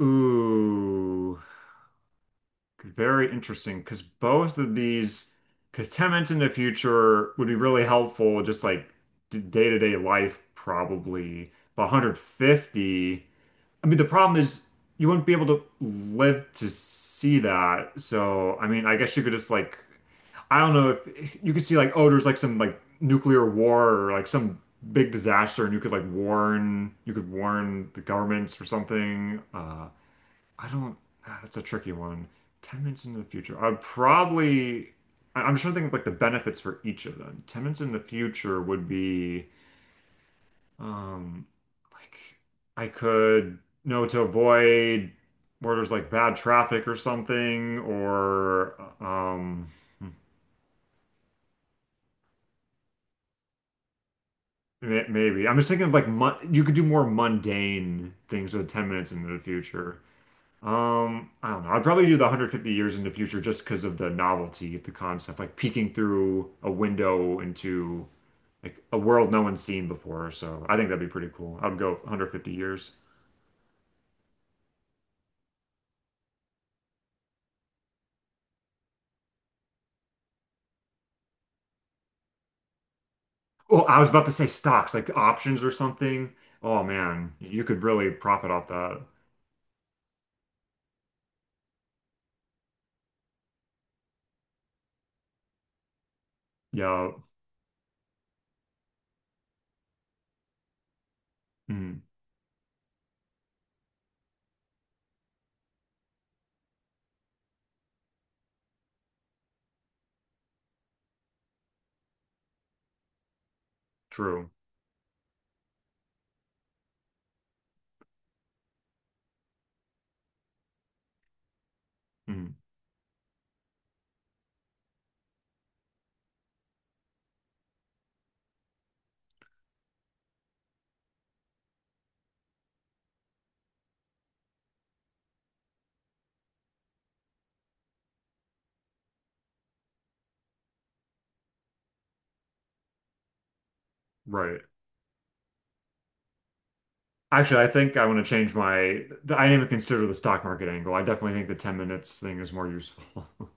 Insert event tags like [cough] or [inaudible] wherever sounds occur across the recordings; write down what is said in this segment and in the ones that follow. Ooh, very interesting. Because both of these, because 10 minutes in the future would be really helpful, just like day-to-day life, probably. But 150, I mean, the problem is you wouldn't be able to live to see that. So, I mean, I guess you could just like, I don't know if you could see like, oh, there's like some like nuclear war or like some big disaster, and you could like warn, you could warn the governments or something. I don't. That's a tricky one. 10 minutes into the future, I'd probably. I'm trying to think of like the benefits for each of them. 10 minutes in the future would be, um, like I could know to avoid where there's like bad traffic or something, or maybe I'm just thinking of like mon you could do more mundane things with 10 minutes into the future. I don't know. I'd probably do the 150 years in the future just because of the novelty of the concept, like peeking through a window into like a world no one's seen before. So I think that'd be pretty cool. I'd go 150 years. Oh, I was about to say stocks, like options or something. Oh man, you could really profit off that. Yeah. Mm, true. Mm, right. Actually, I think I want to change my. I didn't even consider the stock market angle. I definitely think the 10 minutes thing is more useful. [laughs]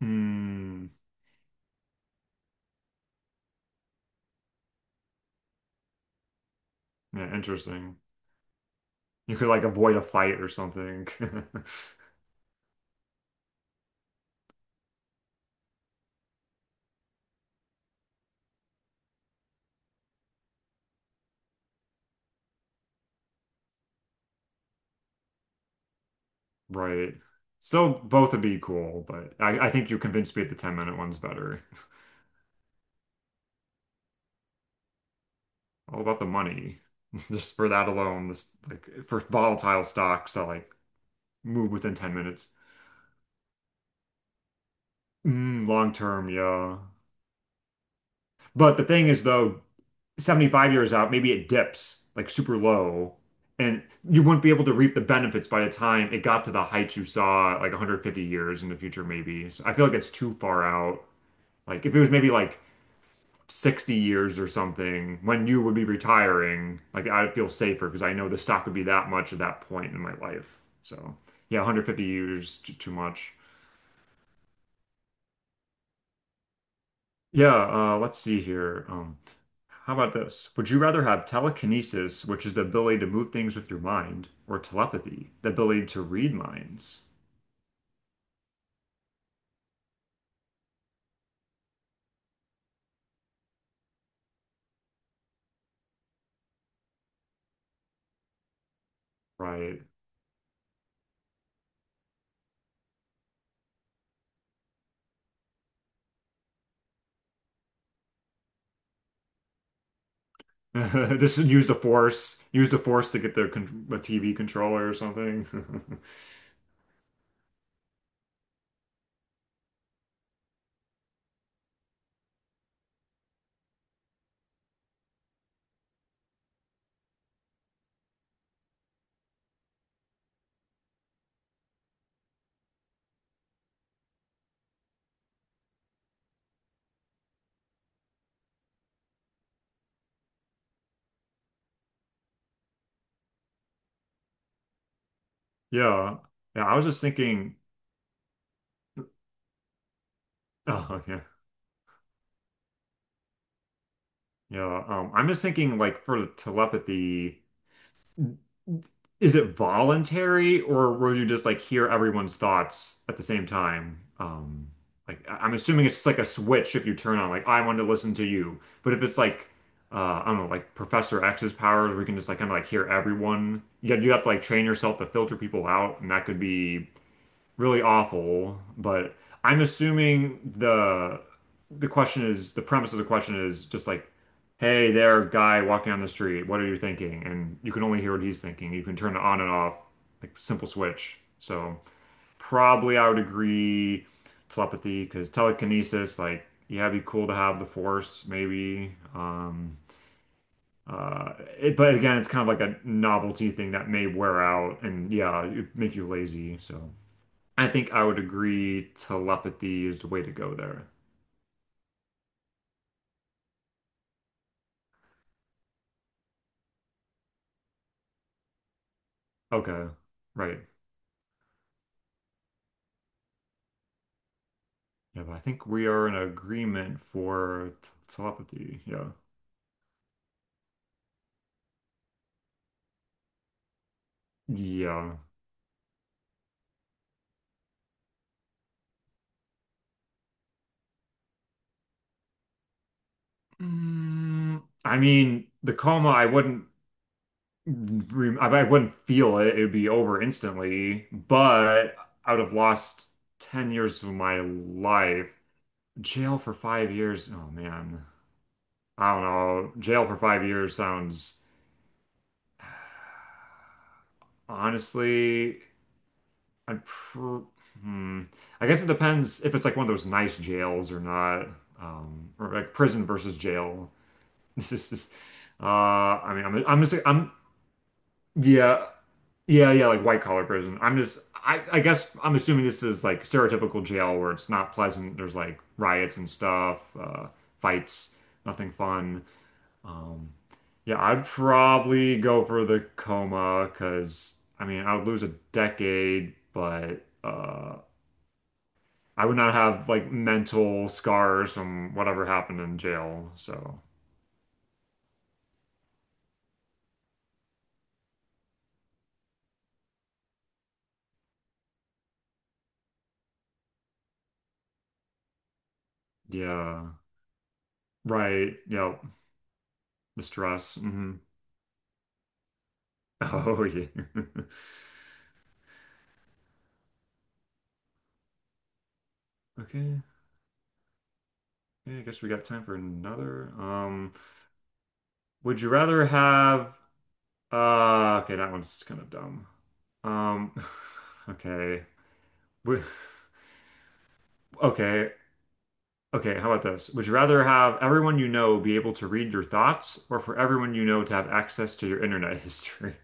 Hmm. Yeah, interesting. You could like avoid a fight or something. [laughs] Right. Still both would be cool, but I think you convinced me that the 10-minute one's better. All about the money. [laughs] Just for that alone, this like for volatile stocks that like move within 10 minutes. Mm, long term, yeah. But the thing is though, 75 years out, maybe it dips like super low, and you wouldn't be able to reap the benefits by the time it got to the heights you saw like 150 years in the future, maybe. So I feel like it's too far out. Like if it was maybe like 60 years or something when you would be retiring, like I'd feel safer because I know the stock would be that much at that point in my life. So yeah, 150 years too much. Yeah, let's see here. How about this? Would you rather have telekinesis, which is the ability to move things with your mind, or telepathy, the ability to read minds? Right. [laughs] Just use the force to get the TV controller or something. [laughs] Yeah. Yeah, I was just thinking. Oh yeah, yeah. I'm just thinking like for the telepathy, is it voluntary or would you just like hear everyone's thoughts at the same time? Like I'm assuming it's just like a switch if you turn on like I want to listen to you, but if it's like I don't know, like Professor X's powers, we can just like kind of like hear everyone. Yet you have to like train yourself to filter people out, and that could be really awful, but I'm assuming the question is the premise of the question is just like, hey there, guy walking on the street, what are you thinking? And you can only hear what he's thinking. You can turn it on and off, like simple switch. So probably I would agree telepathy because telekinesis, like yeah, it'd be cool to have the force maybe. But again, it's kind of like a novelty thing that may wear out and yeah, it make you lazy. So. I think I would agree telepathy is the way to go there. Okay, right. Yeah, but I think we are in agreement for t telepathy. Yeah. Yeah. I mean, the coma, I wouldn't feel it. It would be over instantly, but I would have lost 10 years of my life. Jail for 5 years. Oh man. I don't know. Jail for 5 years sounds honestly. I'd pr hmm. I guess it depends if it's like one of those nice jails or not, or like prison versus jail. [laughs] This is this. I mean, I'm just I'm yeah, yeah, yeah, like white collar prison. I'm just I guess I'm assuming this is like stereotypical jail where it's not pleasant. There's like riots and stuff, fights, nothing fun. Um, yeah, I'd probably go for the coma because I mean I would lose a decade, but I would not have like mental scars from whatever happened in jail. So, yeah. Right. Yep. The stress. Hmm. Oh, yeah. [laughs] Okay. Yeah, I guess we got time for another. Would you rather have, okay, that one's kind of dumb. Um, [laughs] [sighs] okay. Would- Okay. Okay, how about this? Would you rather have everyone you know be able to read your thoughts or for everyone you know to have access to your internet history?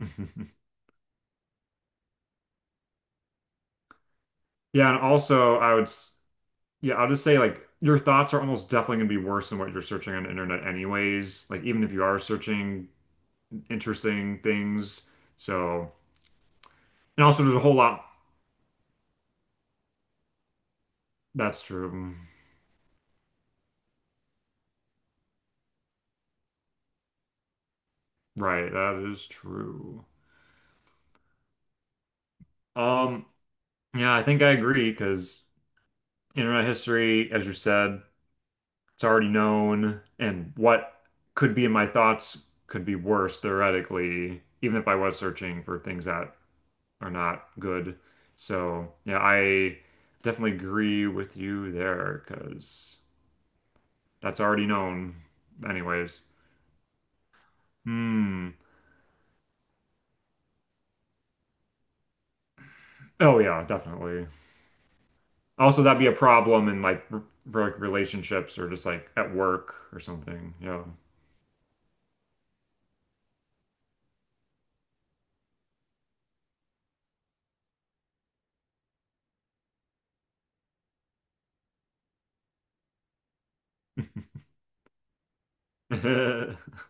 [laughs] Yeah, and also, yeah, I'll just say like your thoughts are almost definitely gonna be worse than what you're searching on the internet anyways. Like even if you are searching interesting things. So, and also there's a whole lot. That's true. Right, that is true. Um, yeah, I think I agree because internet history, as you said, it's already known, and what could be in my thoughts could be worse theoretically, even if I was searching for things that are not good. So yeah, I definitely agree with you there because that's already known anyways. Hmm. Oh yeah, definitely. Also, that'd be a problem in like relationships or just like at work or something. Yeah. [laughs]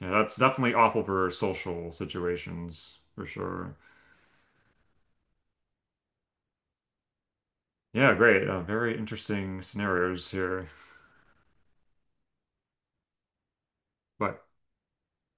Yeah, that's definitely awful for social situations for sure. Yeah, great. Very interesting scenarios here. But